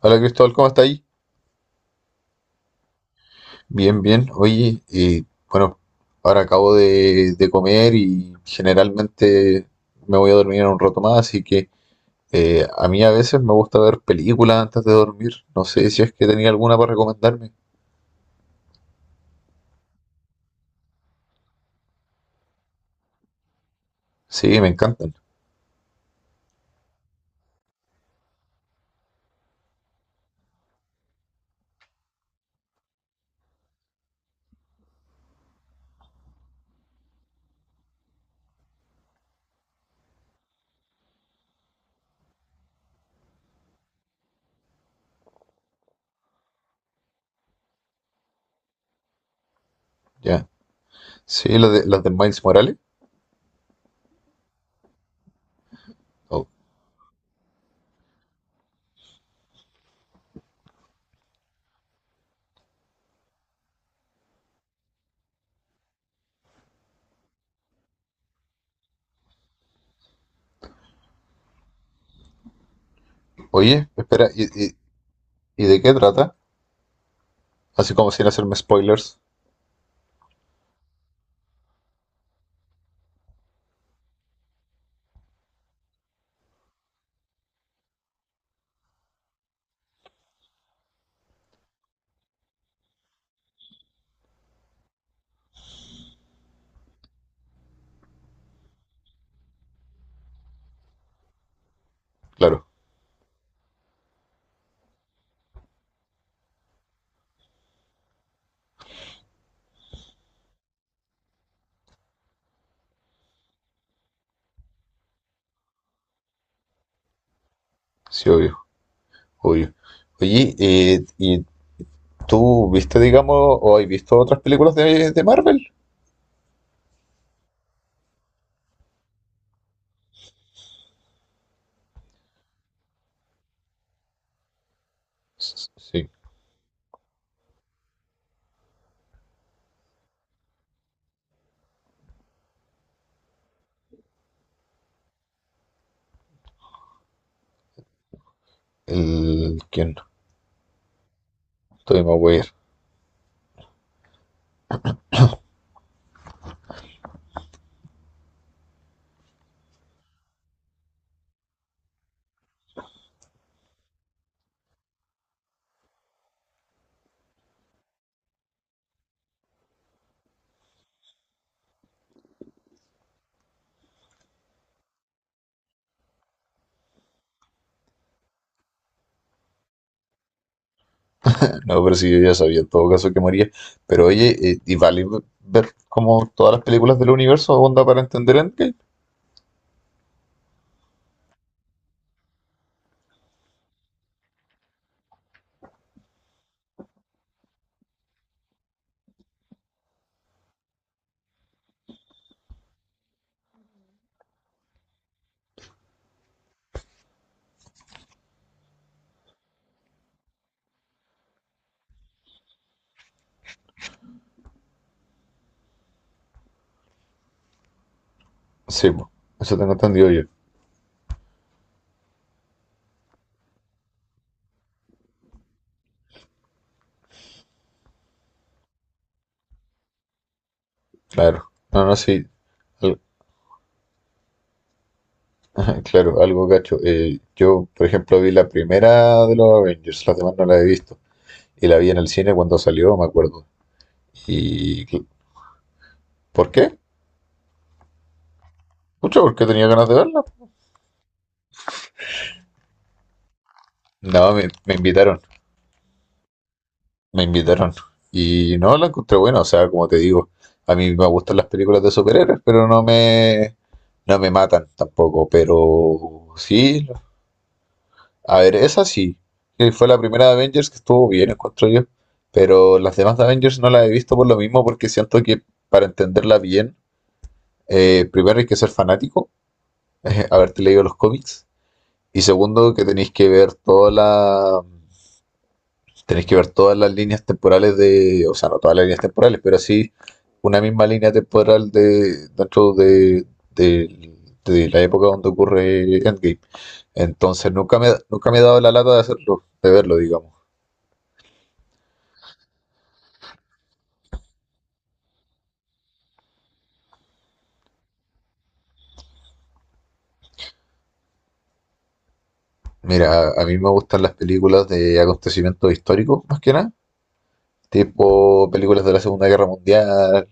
Hola Cristóbal, ¿cómo está ahí? Bien, bien. Oye, bueno, ahora acabo de comer y generalmente me voy a dormir en un rato más, así que a mí a veces me gusta ver películas antes de dormir. No sé si es que tenía alguna para recomendarme. Sí, me encantan. Ya. Sí, las de Miles Morales. O- Oye, espera, ¿ y de qué trata? Así como sin hacerme spoilers. Claro, sí, obvio, obvio. Oye, ¿ ¿Tú viste, digamos, o has visto otras películas de Marvel? Sí, el... ¿Quién? Todavía me. No, pero sí, yo ya sabía en todo caso que moría. Pero oye, ¿y vale ver como todas las películas del universo onda para entender Endgame? Sí, po, eso tengo entendido yo, claro. No, no, sí. Al- Claro, algo gacho. Yo, por ejemplo, vi la primera de los Avengers, las demás no la he visto. Y la vi en el cine cuando salió, me acuerdo. ¿Y cl- por qué? Pucha, porque tenía ganas de verla. No, me invitaron, me invitaron. Y no, la encontré buena, o sea, como te digo, a mí me gustan las películas de superhéroes, pero no me matan tampoco. Pero sí, a ver, esa sí, que fue la primera de Avengers que estuvo bien, encuentro yo. Pero las demás de Avengers no las he visto por lo mismo, porque siento que para entenderla bien, primero hay que ser fanático, haberte leído los cómics, y segundo que tenéis que ver toda la. Tenéis que ver todas las líneas temporales de, o sea, no todas las líneas temporales, pero sí una misma línea temporal de de- de la época donde ocurre Endgame. Entonces nunca me he dado la lata de hacerlo, de verlo, digamos. Mira, a mí me gustan las películas de acontecimientos históricos, más que nada, tipo películas de la Segunda Guerra Mundial,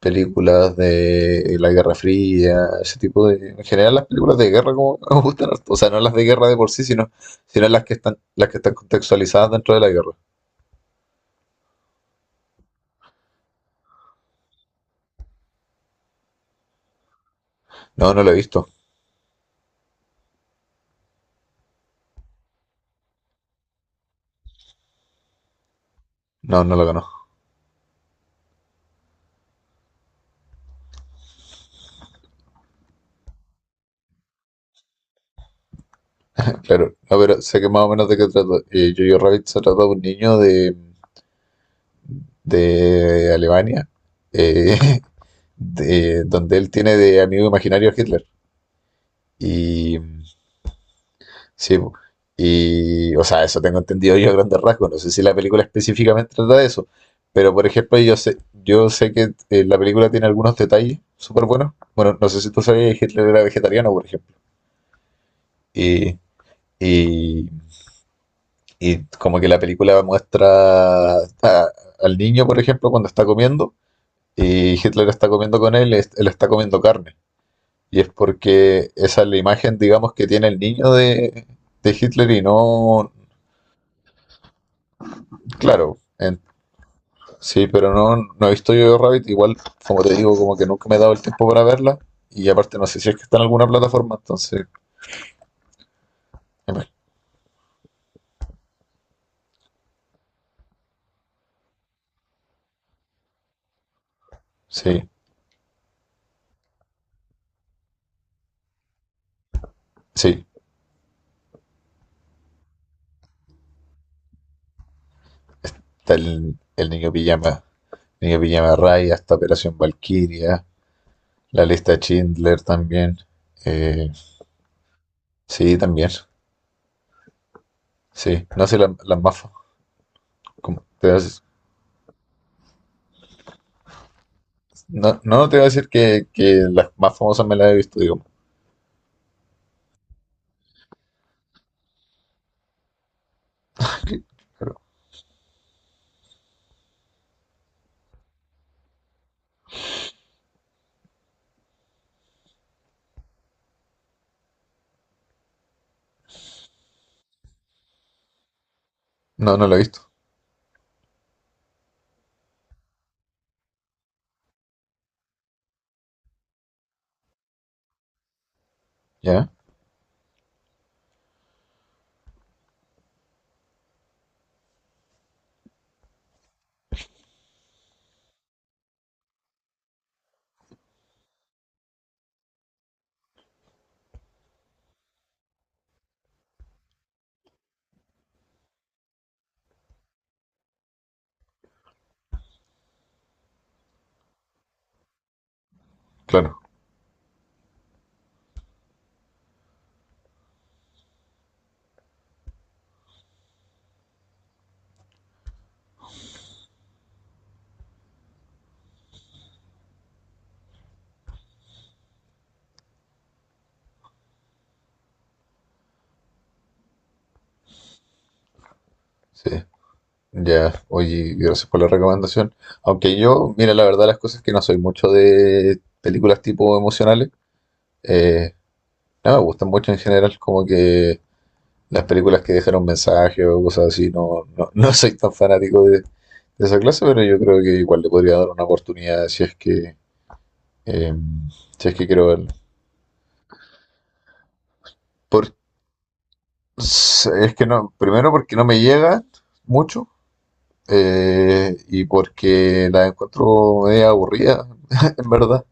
películas de la Guerra Fría, ese tipo de... En general las películas de guerra como que me gustan harto. O sea, no las de guerra de por sí, sino las que están contextualizadas dentro de la guerra. No, no lo he visto. No, no lo conozco. Claro, no, pero sé que más o menos de qué trata. Jojo Rabbit se trata de un niño de Alemania, eh, de, donde él tiene de amigo imaginario a Hitler. Y sí, po. Y o sea, eso tengo entendido yo a grandes rasgos. No sé si la película específicamente trata de eso, pero por ejemplo, yo sé que la película tiene algunos detalles súper buenos. Bueno, no sé si tú sabías que Hitler era vegetariano, por ejemplo, y, y, y como que la película muestra a- al niño, por ejemplo, cuando está comiendo y Hitler está comiendo con él, él está comiendo carne. Y es porque esa es la imagen, digamos, que tiene el niño de Hitler y no, claro, en. Sí, pero no, no he visto yo Rabbit. Igual, como te digo, como que nunca me he dado el tiempo para verla. Y aparte, no sé si es que está en alguna plataforma. Entonces, imag- sí, sí. Está el niño pijama Raya, está Operación Valquiria, la lista de Schindler también. Eh, sí, también. Sí, no sé, la- las más. Fa- como- te voy a decir- no, no te voy a decir que las más famosas me las he visto, digo. Pero, no, no la he visto. Ya, claro, sí. Ya, oye, gracias por la recomendación. Aunque yo, mira, la verdad, las cosas que no soy mucho de películas tipo emocionales, eh, no me gustan mucho en general, como que las películas que dejan un mensaje o cosas así, no, no, no soy tan fanático de esa clase, pero yo creo que igual le podría dar una oportunidad si es que, eh, si es que quiero verlo. Por, es que no, primero porque no me llega mucho y porque la encuentro media aburrida, en verdad.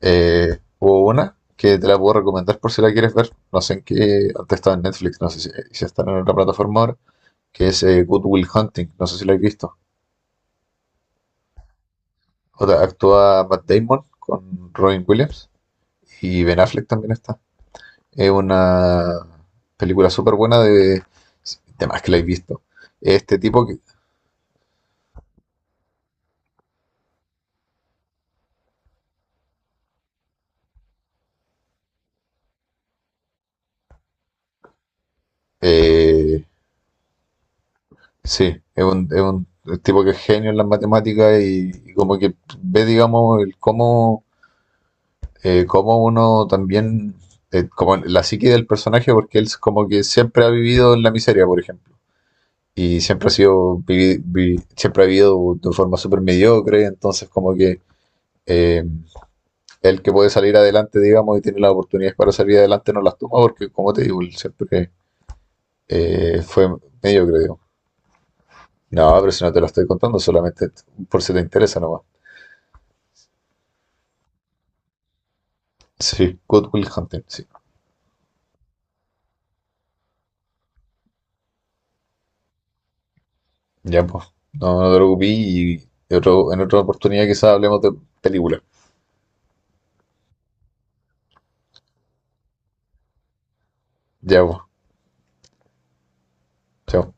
Hubo una que te la puedo recomendar por si la quieres ver. No sé en qué. Antes estaba en Netflix, no sé si está en otra plataforma ahora. Que es Good Will Hunting. No sé si la has visto. Otra, actúa Matt Damon con Robin Williams y Ben Affleck también está. Es una película súper buena de. De más que la he visto. Este tipo que. eh, sí, es un tipo que es genio en las matemáticas y como que ve, digamos, el cómo cómo uno también, como la psique del personaje, porque él es como que siempre ha vivido en la miseria, por ejemplo, y siempre ha sido, siempre ha vivido de forma súper mediocre, entonces como que eh, el que puede salir adelante, digamos, y tiene las oportunidades para salir adelante, no las toma, porque como te digo, él siempre fue mediocre, digo. No, pero si no te lo estoy contando, solamente por si te interesa nomás. Sí, Good Will Hunting, sí. Ya, pues. No, no te preocupes y otro, en otra oportunidad quizás hablemos de películas. Ya, pues. Chao.